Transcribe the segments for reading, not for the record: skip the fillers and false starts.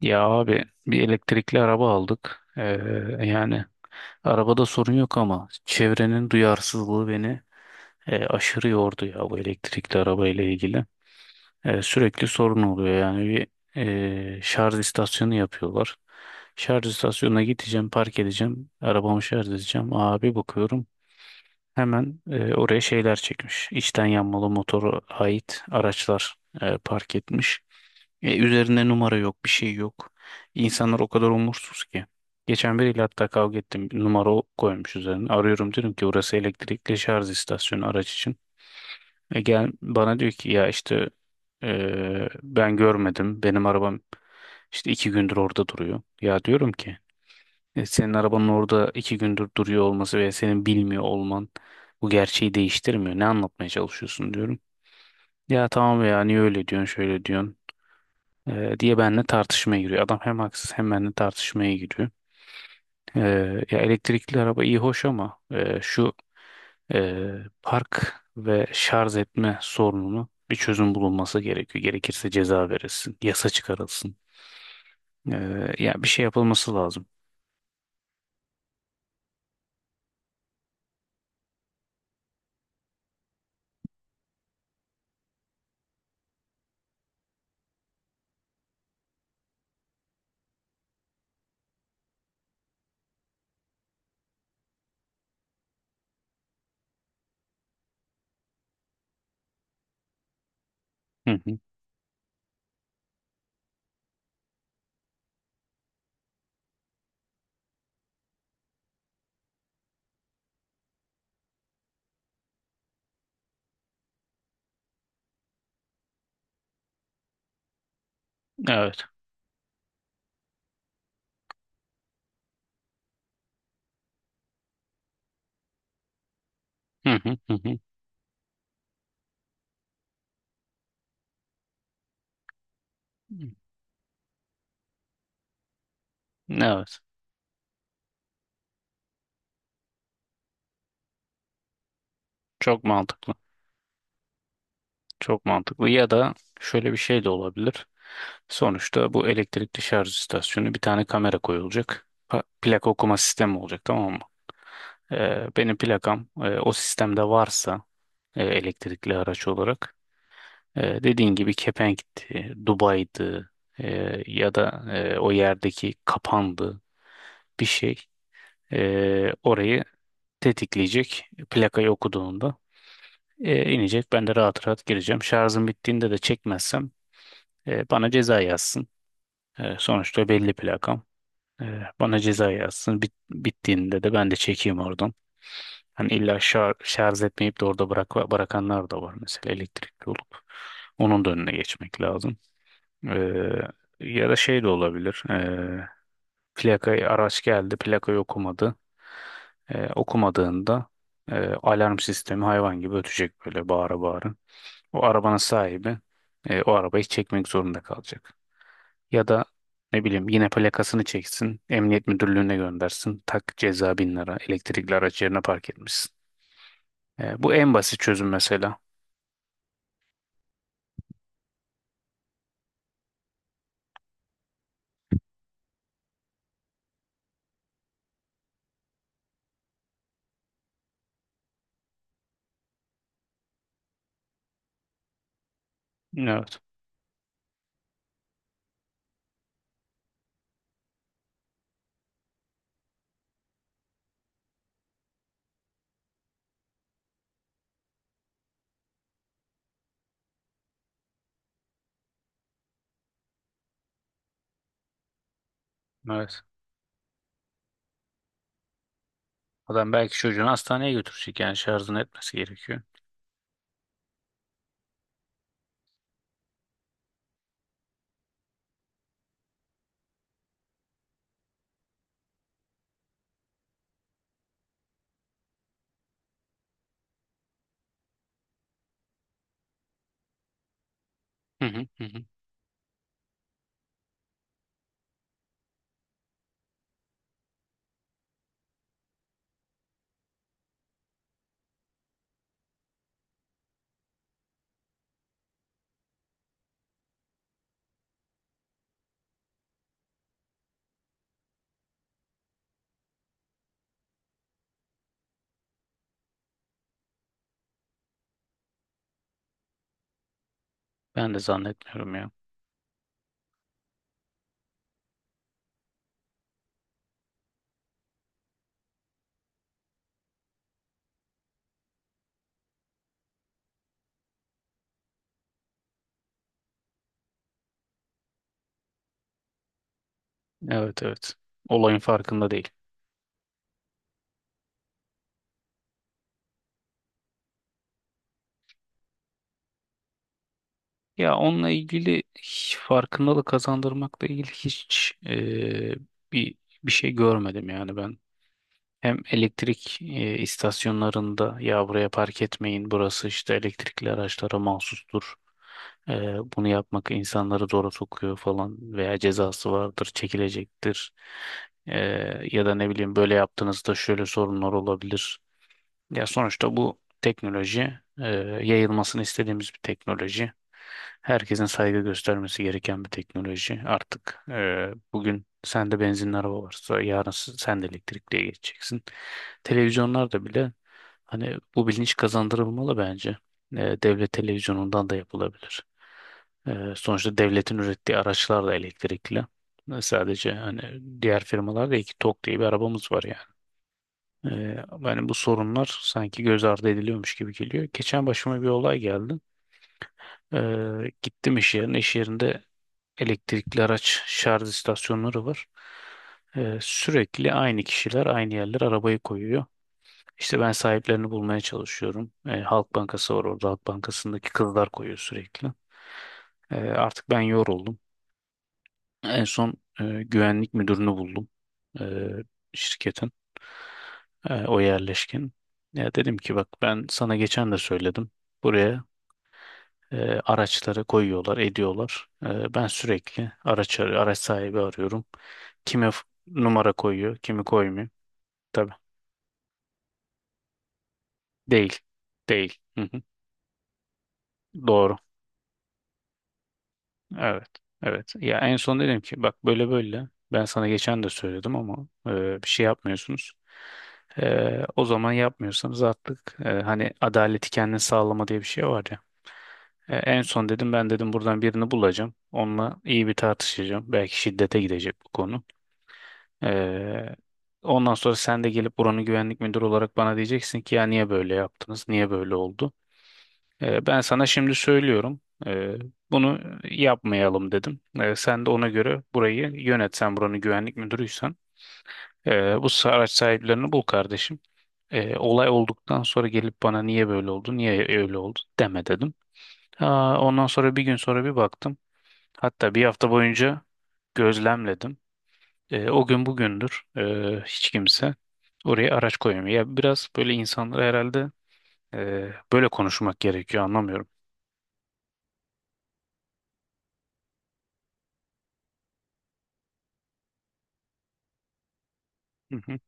Ya abi bir elektrikli araba aldık. Yani arabada sorun yok ama çevrenin duyarsızlığı beni aşırı yordu ya bu elektrikli araba ile ilgili. Sürekli sorun oluyor yani bir şarj istasyonu yapıyorlar. Şarj istasyonuna gideceğim, park edeceğim, arabamı şarj edeceğim. Abi bakıyorum hemen oraya şeyler çekmiş. İçten yanmalı motoru ait araçlar park etmiş. Üzerinde numara yok, bir şey yok. İnsanlar o kadar umursuz ki. Geçen biriyle hatta kavga ettim. Bir Numara o koymuş üzerine. Arıyorum diyorum ki burası elektrikli şarj istasyonu araç için. E gel bana diyor ki ya işte ben görmedim. Benim arabam işte iki gündür orada duruyor. Ya diyorum ki "E, senin arabanın orada iki gündür duruyor olması veya senin bilmiyor olman bu gerçeği değiştirmiyor. Ne anlatmaya çalışıyorsun diyorum. Ya tamam ya niye öyle diyorsun şöyle diyorsun diye benimle tartışmaya giriyor. Adam hem haksız hem benimle tartışmaya giriyor. E, Ya elektrikli araba iyi hoş ama park ve şarj etme sorununu bir çözüm bulunması gerekiyor. Gerekirse ceza verilsin, yasa çıkarılsın. Ya bir şey yapılması lazım. Hı hı. Evet. Hı hı hı hı. Evet. Çok mantıklı. Çok mantıklı. Ya da şöyle bir şey de olabilir. Sonuçta bu elektrikli şarj istasyonu bir tane kamera koyulacak. Plaka okuma sistemi olacak, tamam mı? Benim plakam o sistemde varsa elektrikli araç olarak dediğin gibi kepenkti, Dubai'di, ya da o yerdeki kapandı, bir şey orayı tetikleyecek plakayı okuduğunda inecek. Ben de rahat rahat gireceğim. Şarjım bittiğinde de çekmezsem, bana ceza yazsın. Sonuçta belli plakam. Bana ceza yazsın. Bittiğinde de ben de çekeyim oradan. Hani illa şarj etmeyip de orada bırakanlar da var mesela elektrikli olup. Onun da önüne geçmek lazım. E, Ya da şey de olabilir. Plakayı araç geldi, plakayı okumadı. Okumadığında alarm sistemi hayvan gibi ötecek böyle bağıra bağıra. O arabanın sahibi o arabayı çekmek zorunda kalacak. Ya da ne bileyim yine plakasını çeksin, emniyet müdürlüğüne göndersin. Tak ceza bin lira, elektrikli araç yerine park etmişsin. Bu en basit çözüm mesela. Evet, evet. Adam belki çocuğunu hastaneye götürecek yani şarjını etmesi gerekiyor. Hı hı, hı hı. Ben de zannetmiyorum ya. Evet evet. Olayın farkında değil. Ya onunla ilgili hiç farkındalık kazandırmakla ilgili hiç bir bir şey görmedim yani ben. Hem elektrik istasyonlarında ya buraya park etmeyin burası işte elektrikli araçlara mahsustur. E, Bunu yapmak insanları zora sokuyor falan veya cezası vardır çekilecektir. E, Ya da ne bileyim böyle yaptığınızda şöyle sorunlar olabilir. Ya sonuçta bu teknoloji e, yayılmasını istediğimiz bir teknoloji. Herkesin saygı göstermesi gereken bir teknoloji. Artık bugün sende benzinli araba varsa yarın sen de elektrikliye geçeceksin. Televizyonlarda bile hani bu bilinç kazandırılmalı bence. E, Devlet televizyonundan da yapılabilir. Sonuçta devletin ürettiği araçlar da elektrikli. E, sadece hani diğer firmalarda iki Tok diye bir arabamız var yani. Ee, Yani bu sorunlar sanki göz ardı ediliyormuş gibi geliyor. Geçen başıma bir olay geldi. Gittim iş yerine. İş yerinde elektrikli araç şarj istasyonları var. Sürekli aynı kişiler aynı yerler arabayı koyuyor. İşte ben sahiplerini bulmaya çalışıyorum. Halk Bankası var orada. Halk Bankası'ndaki kızlar koyuyor sürekli. Artık ben yoruldum. En son güvenlik müdürünü buldum, e, şirketin. E, o yerleşkin. Ya dedim ki bak ben sana geçen de söyledim. Buraya araçları koyuyorlar, ediyorlar. E, ben sürekli araç sahibi arıyorum. Kime f- Numara koyuyor, kimi koymuyor. Tabii. Değil. Değil. Hı hı. Doğru. Evet. Evet. Ya en son dedim ki bak böyle böyle. Ben sana geçen de söyledim ama bir şey yapmıyorsunuz. O zaman yapmıyorsanız artık hani adaleti kendin sağlama diye bir şey var ya. En son dedim ben dedim buradan birini bulacağım. Onunla iyi bir tartışacağım. Belki şiddete gidecek bu konu. E, Ondan sonra sen de gelip buranın güvenlik müdürü olarak bana diyeceksin ki ya niye böyle yaptınız? Niye böyle oldu? Ben sana şimdi söylüyorum. Ee, Bunu yapmayalım dedim. Sen de ona göre burayı yönet. Sen buranın güvenlik müdürüysen. Bu araç sahiplerini bul kardeşim. Olay olduktan sonra gelip bana niye böyle oldu, niye öyle oldu deme dedim. Aa, ondan sonra bir gün sonra bir baktım. Hatta bir hafta boyunca gözlemledim. O gün bugündür hiç kimse oraya araç koymuyor. Ya biraz böyle insanlara herhalde böyle konuşmak gerekiyor anlamıyorum. Hı hı.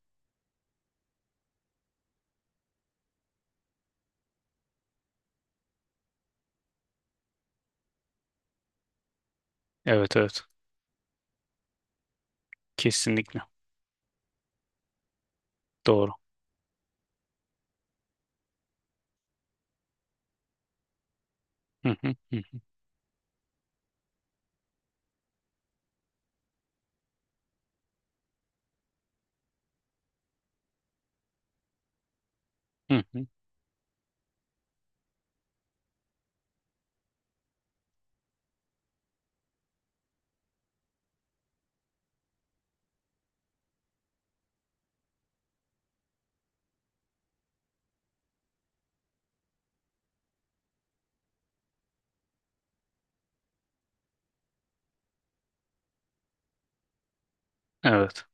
Evet evet. Kesinlikle doğru. Hı hı, hı hı, hı hı. Evet.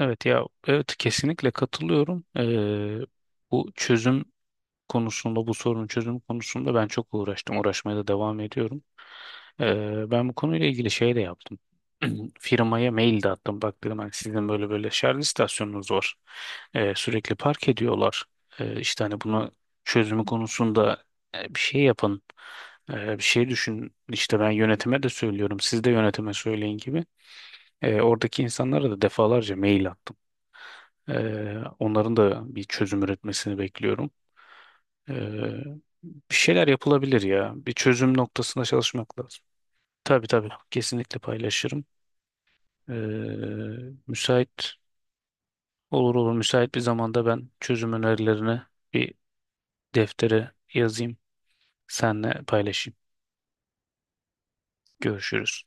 Evet ya evet kesinlikle katılıyorum. Bu çözüm konusunda, bu sorunun çözümü konusunda ben çok uğraştım. Uğraşmaya da devam ediyorum. Ben bu konuyla ilgili şey de yaptım. Firmaya mail de attım. Bak dedim hani sizin böyle böyle şarj istasyonunuz var. Sürekli park ediyorlar. İşte hani bunu çözümü konusunda bir şey yapın. Bir şey düşün. İşte ben yönetime de söylüyorum. Siz de yönetime söyleyin gibi. Oradaki insanlara da defalarca mail attım. Onların da bir çözüm üretmesini bekliyorum. Ee, bir şeyler yapılabilir ya. Bir çözüm noktasında çalışmak lazım. Tabii tabii. Kesinlikle paylaşırım. Ee, müsait olur olur. Müsait bir zamanda ben çözüm önerilerini bir deftere yazayım. Senle paylaşayım. Görüşürüz.